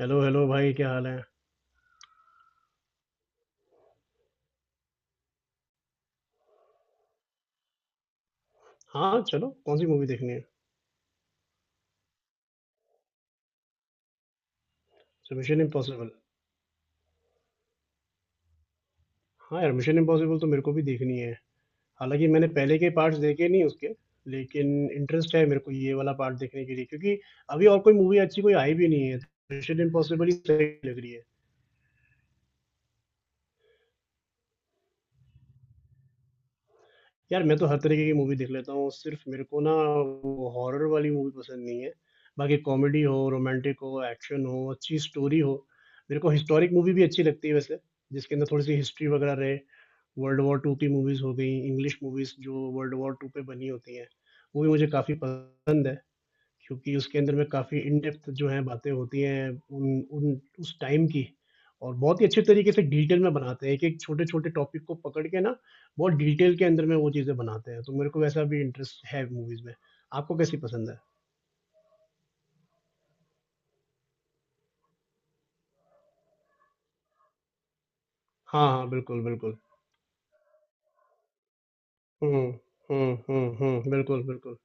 Hello hello भाई, क्या हाल है। हाँ चलो, कौन सी मूवी देखनी है। अच्छा, मिशन इम्पॉसिबल। हाँ यार, मिशन इम्पॉसिबल तो मेरे को भी देखनी है। हालांकि मैंने पहले के पार्ट्स देखे नहीं उसके, लेकिन इंटरेस्ट है मेरे को ये वाला पार्ट देखने के लिए, क्योंकि अभी और कोई मूवी अच्छी कोई आई भी नहीं है। मिशन इम्पॉसिबल ही सही लग रही है। यार मैं तो हर तरीके की मूवी देख लेता हूँ, सिर्फ मेरे को ना वो हॉरर वाली मूवी पसंद नहीं है। बाकी कॉमेडी हो, रोमांटिक हो, एक्शन हो, अच्छी स्टोरी हो, मेरे को हिस्टोरिक मूवी भी अच्छी लगती है वैसे, जिसके अंदर थोड़ी सी हिस्ट्री वगैरह रहे। वर्ल्ड वॉर टू की मूवीज़ हो गई, इंग्लिश मूवीज़ जो वर्ल्ड वॉर टू पे बनी होती हैं, वो भी मुझे काफ़ी पसंद है। क्योंकि उसके अंदर में काफ़ी इन डेप्थ जो है बातें होती हैं उन उन उस टाइम की। और बहुत ही अच्छे तरीके से डिटेल में बनाते हैं, एक एक छोटे छोटे टॉपिक को पकड़ के ना, बहुत डिटेल के अंदर में वो चीज़ें बनाते हैं, तो मेरे को वैसा भी इंटरेस्ट है मूवीज़ में। आपको कैसी पसंद है। हाँ हाँ, बिल्कुल बिल्कुल। हम्म, हम्म, बिल्कुल बिल्कुल।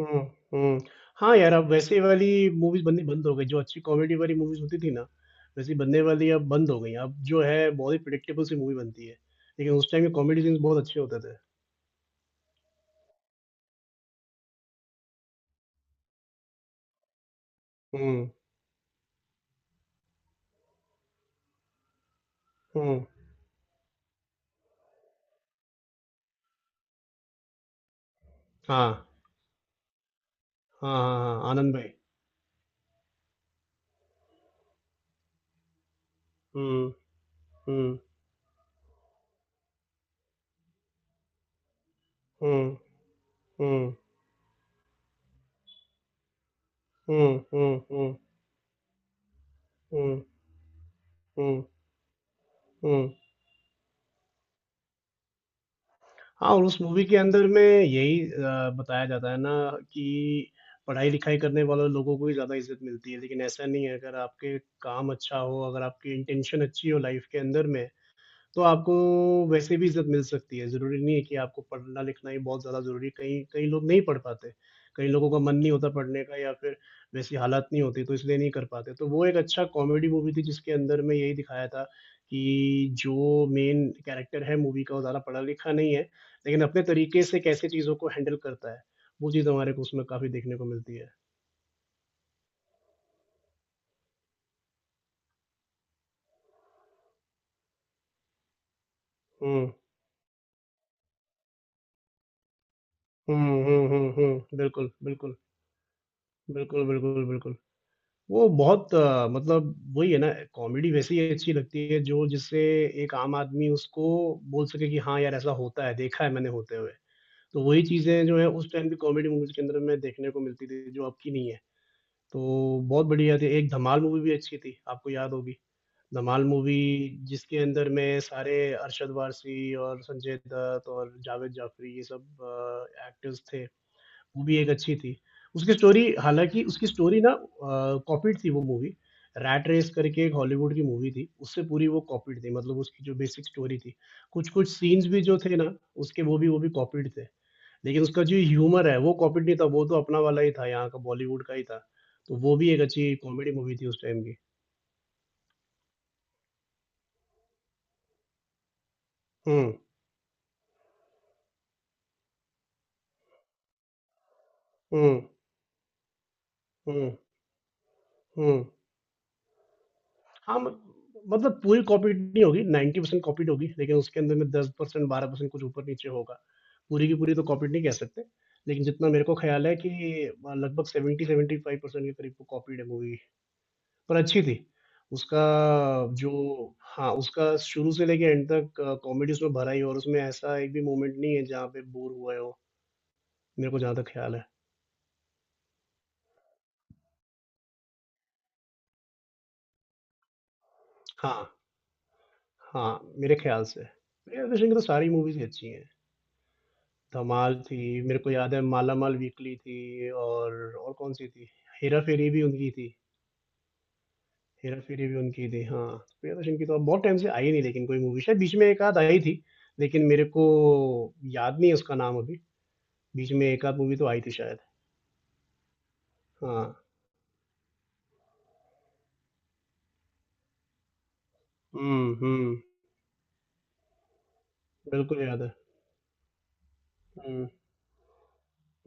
हम्म हम्म। हाँ यार, अब वैसे वाली मूवीज बननी बंद हो गई, जो अच्छी कॉमेडी वाली मूवीज होती थी ना, वैसी बनने वाली अब बंद हो गई। अब जो है बहुत ही प्रिडिक्टेबल सी मूवी बनती है, लेकिन उस टाइम के कॉमेडी सीन्स बहुत अच्छे होते थे। हम्म हम्म। हाँ हाँ हाँ, हाँ आनंद भाई। हम्म हम्म हम्म हम्म हम्म हम्म हम्म हम्म हम्म हम्म। हाँ, और उस मूवी के अंदर में यही बताया जाता है ना कि पढ़ाई लिखाई करने वाले लोगों को ही ज़्यादा इज्जत मिलती है, लेकिन ऐसा नहीं है। अगर आपके काम अच्छा हो, अगर आपकी इंटेंशन अच्छी हो लाइफ के अंदर में, तो आपको वैसे भी इज़्ज़त मिल सकती है। ज़रूरी नहीं है कि आपको पढ़ना-लिखना ही बहुत ज़्यादा ज़रूरी है, कई कई लोग नहीं पढ़ पाते, कई लोगों का मन नहीं होता पढ़ने का, या फिर वैसी हालात नहीं होती तो इसलिए नहीं कर पाते। तो वो एक अच्छा कॉमेडी मूवी थी, जिसके अंदर में यही दिखाया था कि जो मेन कैरेक्टर है मूवी का, वो ज़्यादा पढ़ा-लिखा नहीं है, लेकिन अपने तरीके से कैसे चीज़ों को हैंडल करता है, वो चीज़ हमारे को उसमें काफ़ी देखने को मिलती है। हुँ। हुँ हुँ हुँ हुँ, बिल्कुल बिल्कुल। बिल्कुल बिल्कुल बिल्कुल। वो बहुत मतलब वही है ना, कॉमेडी वैसी अच्छी लगती है जो जिससे एक आम आदमी उसको बोल सके कि हाँ यार, ऐसा होता है, देखा है मैंने होते हुए। तो वही चीज़ें जो है उस टाइम भी कॉमेडी मूवीज के अंदर में देखने को मिलती थी, जो अब की नहीं है। तो बहुत बढ़िया थी। एक धमाल मूवी भी अच्छी थी, आपको याद होगी धमाल मूवी, जिसके अंदर में सारे अरशद वारसी और संजय दत्त और जावेद जाफरी ये सब एक्टर्स थे। वो भी एक अच्छी थी। उसकी स्टोरी, हालाँकि उसकी स्टोरी ना कॉपीड थी वो मूवी। रैट रेस करके एक हॉलीवुड की मूवी थी, उससे पूरी वो कॉपीड थी, मतलब उसकी जो बेसिक स्टोरी थी। कुछ-कुछ सीन्स भी जो थे ना, उसके वो भी कॉपीड थे। लेकिन उसका जो ह्यूमर है, वो कॉपीड नहीं था, वो तो अपना वाला ही था, यहाँ का बॉलीवुड का ही था। तो वो भी एक अच्छी कॉमेडी मूवी थी उस टाइम की। हुँ हुँ हुँ हुँ। हाँ, म मतलब पूरी कॉपीड नहीं होगी, 90% कॉपीड होगी, लेकिन उसके अंदर में 10% 12% कुछ ऊपर-नीचे होगा। पूरी की पूरी तो कॉपीड नहीं कह सकते, लेकिन जितना मेरे को ख़्याल है कि लगभग 70-75% के करीब वो कॉपीड है मूवी, पर अच्छी थी। उसका जो, हाँ, उसका शुरू से लेके एंड तक कॉमेडी उसमें भरा ही है, और उसमें ऐसा एक भी मोमेंट नहीं है जहाँ पे बोर हुए हो, मेरे को जहाँ तक ख़्याल है। हाँ, हाँ, मेरे ख़्याल से। प्रिया दर्शन की तो सारी मूवीज़ ही अच्छी हैं। धमाल थी, मेरे को याद है मालामाल वीकली थी, और कौन-सी थी? हेरा फेरी भी उनकी थी। हेरा-फेरी भी उनकी थी, हाँ। प्रियदर्शन की तो अब बहुत टाइम से आई नहीं लेकिन कोई मूवी, शायद बीच में एक आध आई थी, लेकिन मेरे को याद नहीं है उसका नाम अभी। बीच में एक आध मूवी तो आई थी शायद। हाँ। हुँ हुँ, बिल्कुल याद है। हुँ,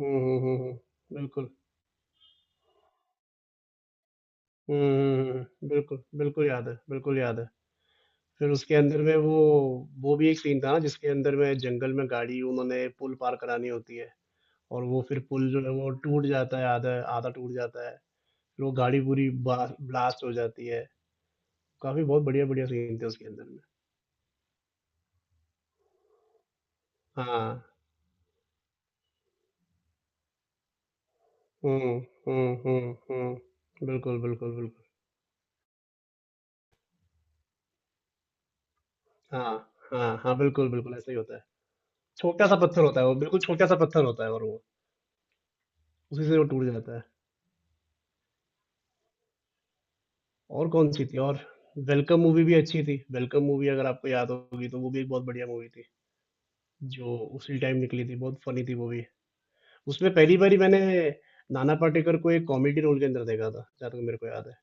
हुँ हुँ हुँ हुँ, बिल्कुल। हुँ हुँ हुँ हुँ, बिल्कुल, बिल्कुल याद है, बिल्कुल याद है। फिर उसके अंदर में वो भी एक सीन था ना, जिसके अंदर में जंगल में गाड़ी उन्होंने पुल पार करानी होती है, और वो फिर पुल जो है वो टूट जाता है, आधा आधा टूट जाता है। फिर वो गाड़ी पूरी बा ब्लास्ट हो जाती है। काफ़ी बहुत बढ़िया-बढ़िया सीन थे उसके अंदर में। हाँ। हुँ हुँ हुँ हुँ, बिल्कुल बिल्कुल बिल्कुल। हाँ हाँ हाँ, बिल्कुल, बिल्कुल ऐसा ही होता है। छोटा-सा पत्थर होता है वो, बिल्कुल छोटा-सा पत्थर होता है, और वो, उसी से वो टूट जाता है। और कौन-सी थी, और वेलकम मूवी भी अच्छी थी। वेलकम मूवी अगर आपको याद होगी तो वो भी एक बहुत बढ़िया मूवी थी, जो उसी टाइम निकली थी, बहुत फ़नी थी वो भी। उसमें पहली बारी मैंने नाना पाटेकर को एक कॉमेडी रोल के अंदर देखा था, जहाँ तक मेरे को याद है।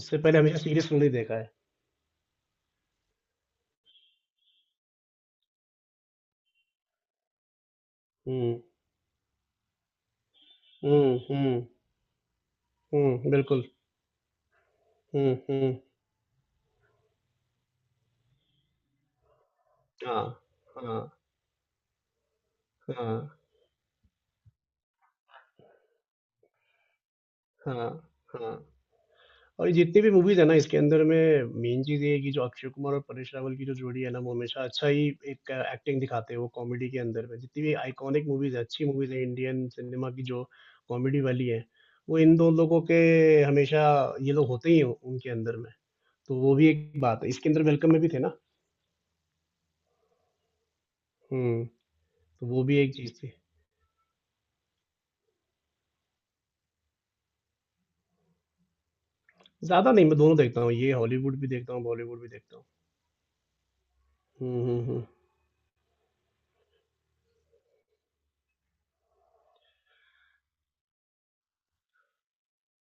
उससे पहले हमेशा सीरियस रोल ही देखा है। हुँ। हुँ हुँ हुँ, बिल्कुल। हुँ हुँ। हाँ हाँ हाँ हाँ हाँ। और जितनी भी मूवीज़ है ना, इसके अंदर में मेन चीज़ ये है कि जो अक्षय कुमार और परेश रावल की जो जोड़ी है ना, वो हमेशा अच्छा ही एक एक्टिंग दिखाते हैं वो कॉमेडी के अंदर में। जितनी भी आइकॉनिक मूवीज़ है, अच्छी मूवीज़ है इंडियन सिनेमा की जो कॉमेडी वाली है, वो इन 2 लोगों के, हमेशा ये लोग होते ही हैं उनके अंदर में। तो वो भी एक बात है, इसके अंदर वेलकम में भी थे ना? हुँ, तो वो भी एक चीज़ थी। ज़्यादा नहीं, मैं दोनों देखता हूँ, ये हॉलीवुड भी देखता हूँ, बॉलीवुड भी देखता हूँ। हुँ हुँ हुँ।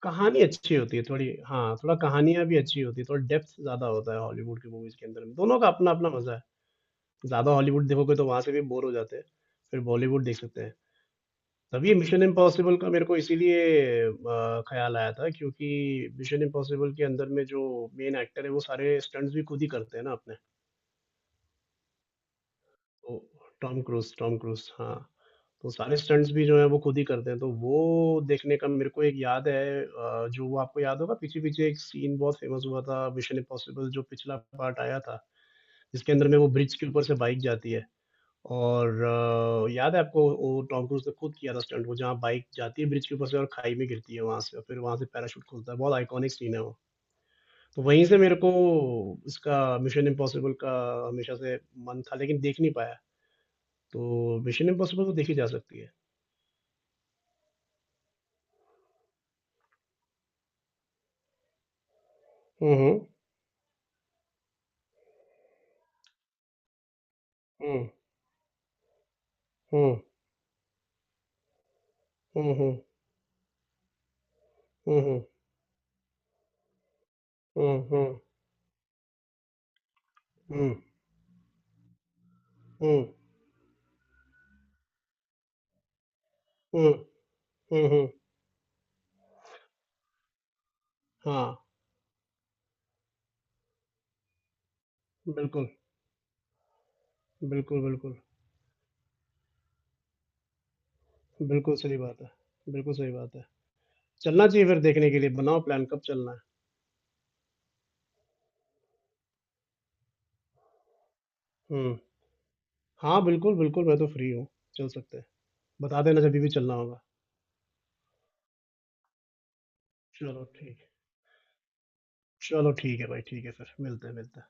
कहानी अच्छी होती है थोड़ी, हाँ, थोड़ा कहानियाँ भी अच्छी होती है, थोड़ा डेप्थ ज़्यादा होता है हॉलीवुड की मूवीज़ के अंदर में, दोनों का अपना-अपना मज़ा है। ज़्यादा हॉलीवुड देखोगे तो वहाँ से भी बोर हो जाते हैं, फिर बॉलीवुड देख सकते हैं। तभी मिशन इम्पॉसिबल का मेरे को इसीलिए ख़्याल आया था, क्योंकि मिशन इम्पॉसिबल के अंदर में जो मेन एक्टर है वो सारे स्टंट्स भी खुद ही करते हैं ना अपने। Oh, Tom Cruise, Tom Cruise, हाँ, तो सारे स्टंट्स भी जो हैं वो खुद ही करते हैं, तो वो देखने का मेरे को एक, याद है जो, वो आपको याद होगा पीछे-पीछे, एक सीन बहुत फ़ेमस हुआ था मिशन इम्पॉसिबल जो पिछला पार्ट आया था, जिसके अंदर में वो ब्रिज के ऊपर से बाइक जाती है और याद है आपको, वो टॉम क्रूज़ ने खुद किया था स्टंट, वो जहाँ बाइक जाती है ब्रिज के ऊपर से और खाई में गिरती है वहाँ से, और फिर वहाँ से पैराशूट खुलता है, बहुत आइकॉनिक सीन है वो। तो वहीं से मेरे को इसका मिशन इम्पॉसिबल का हमेशा से मन था, लेकिन देख नहीं पाया। तो मिशन इम्पॉसिबल तो देखी जा सकती है। हुँ हुँ। हुँ हुँ हुँ हुँ हुँ हुँ हुँ हुँ हुँ हुँ हुँ हुँ हुँ। हाँ, बिल्कुल बिल्कुल बिल्कुल। बिल्कुल सही बात है, बिल्कुल सही बात है। चलना चाहिए फिर देखने के लिए, बनाओ प्लान कब चलना है। हुँ। हाँ, बिल्कुल बिल्कुल, मैं तो फ्री हूँ, चल सकते हैं। बता देना जभी भी चलना होगा। चलो ठीक है, चलो ठीक है भाई, ठीक है फिर मिलते हैं, मिलते हैं।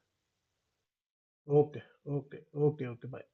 Okay, okay, okay, okay, bye.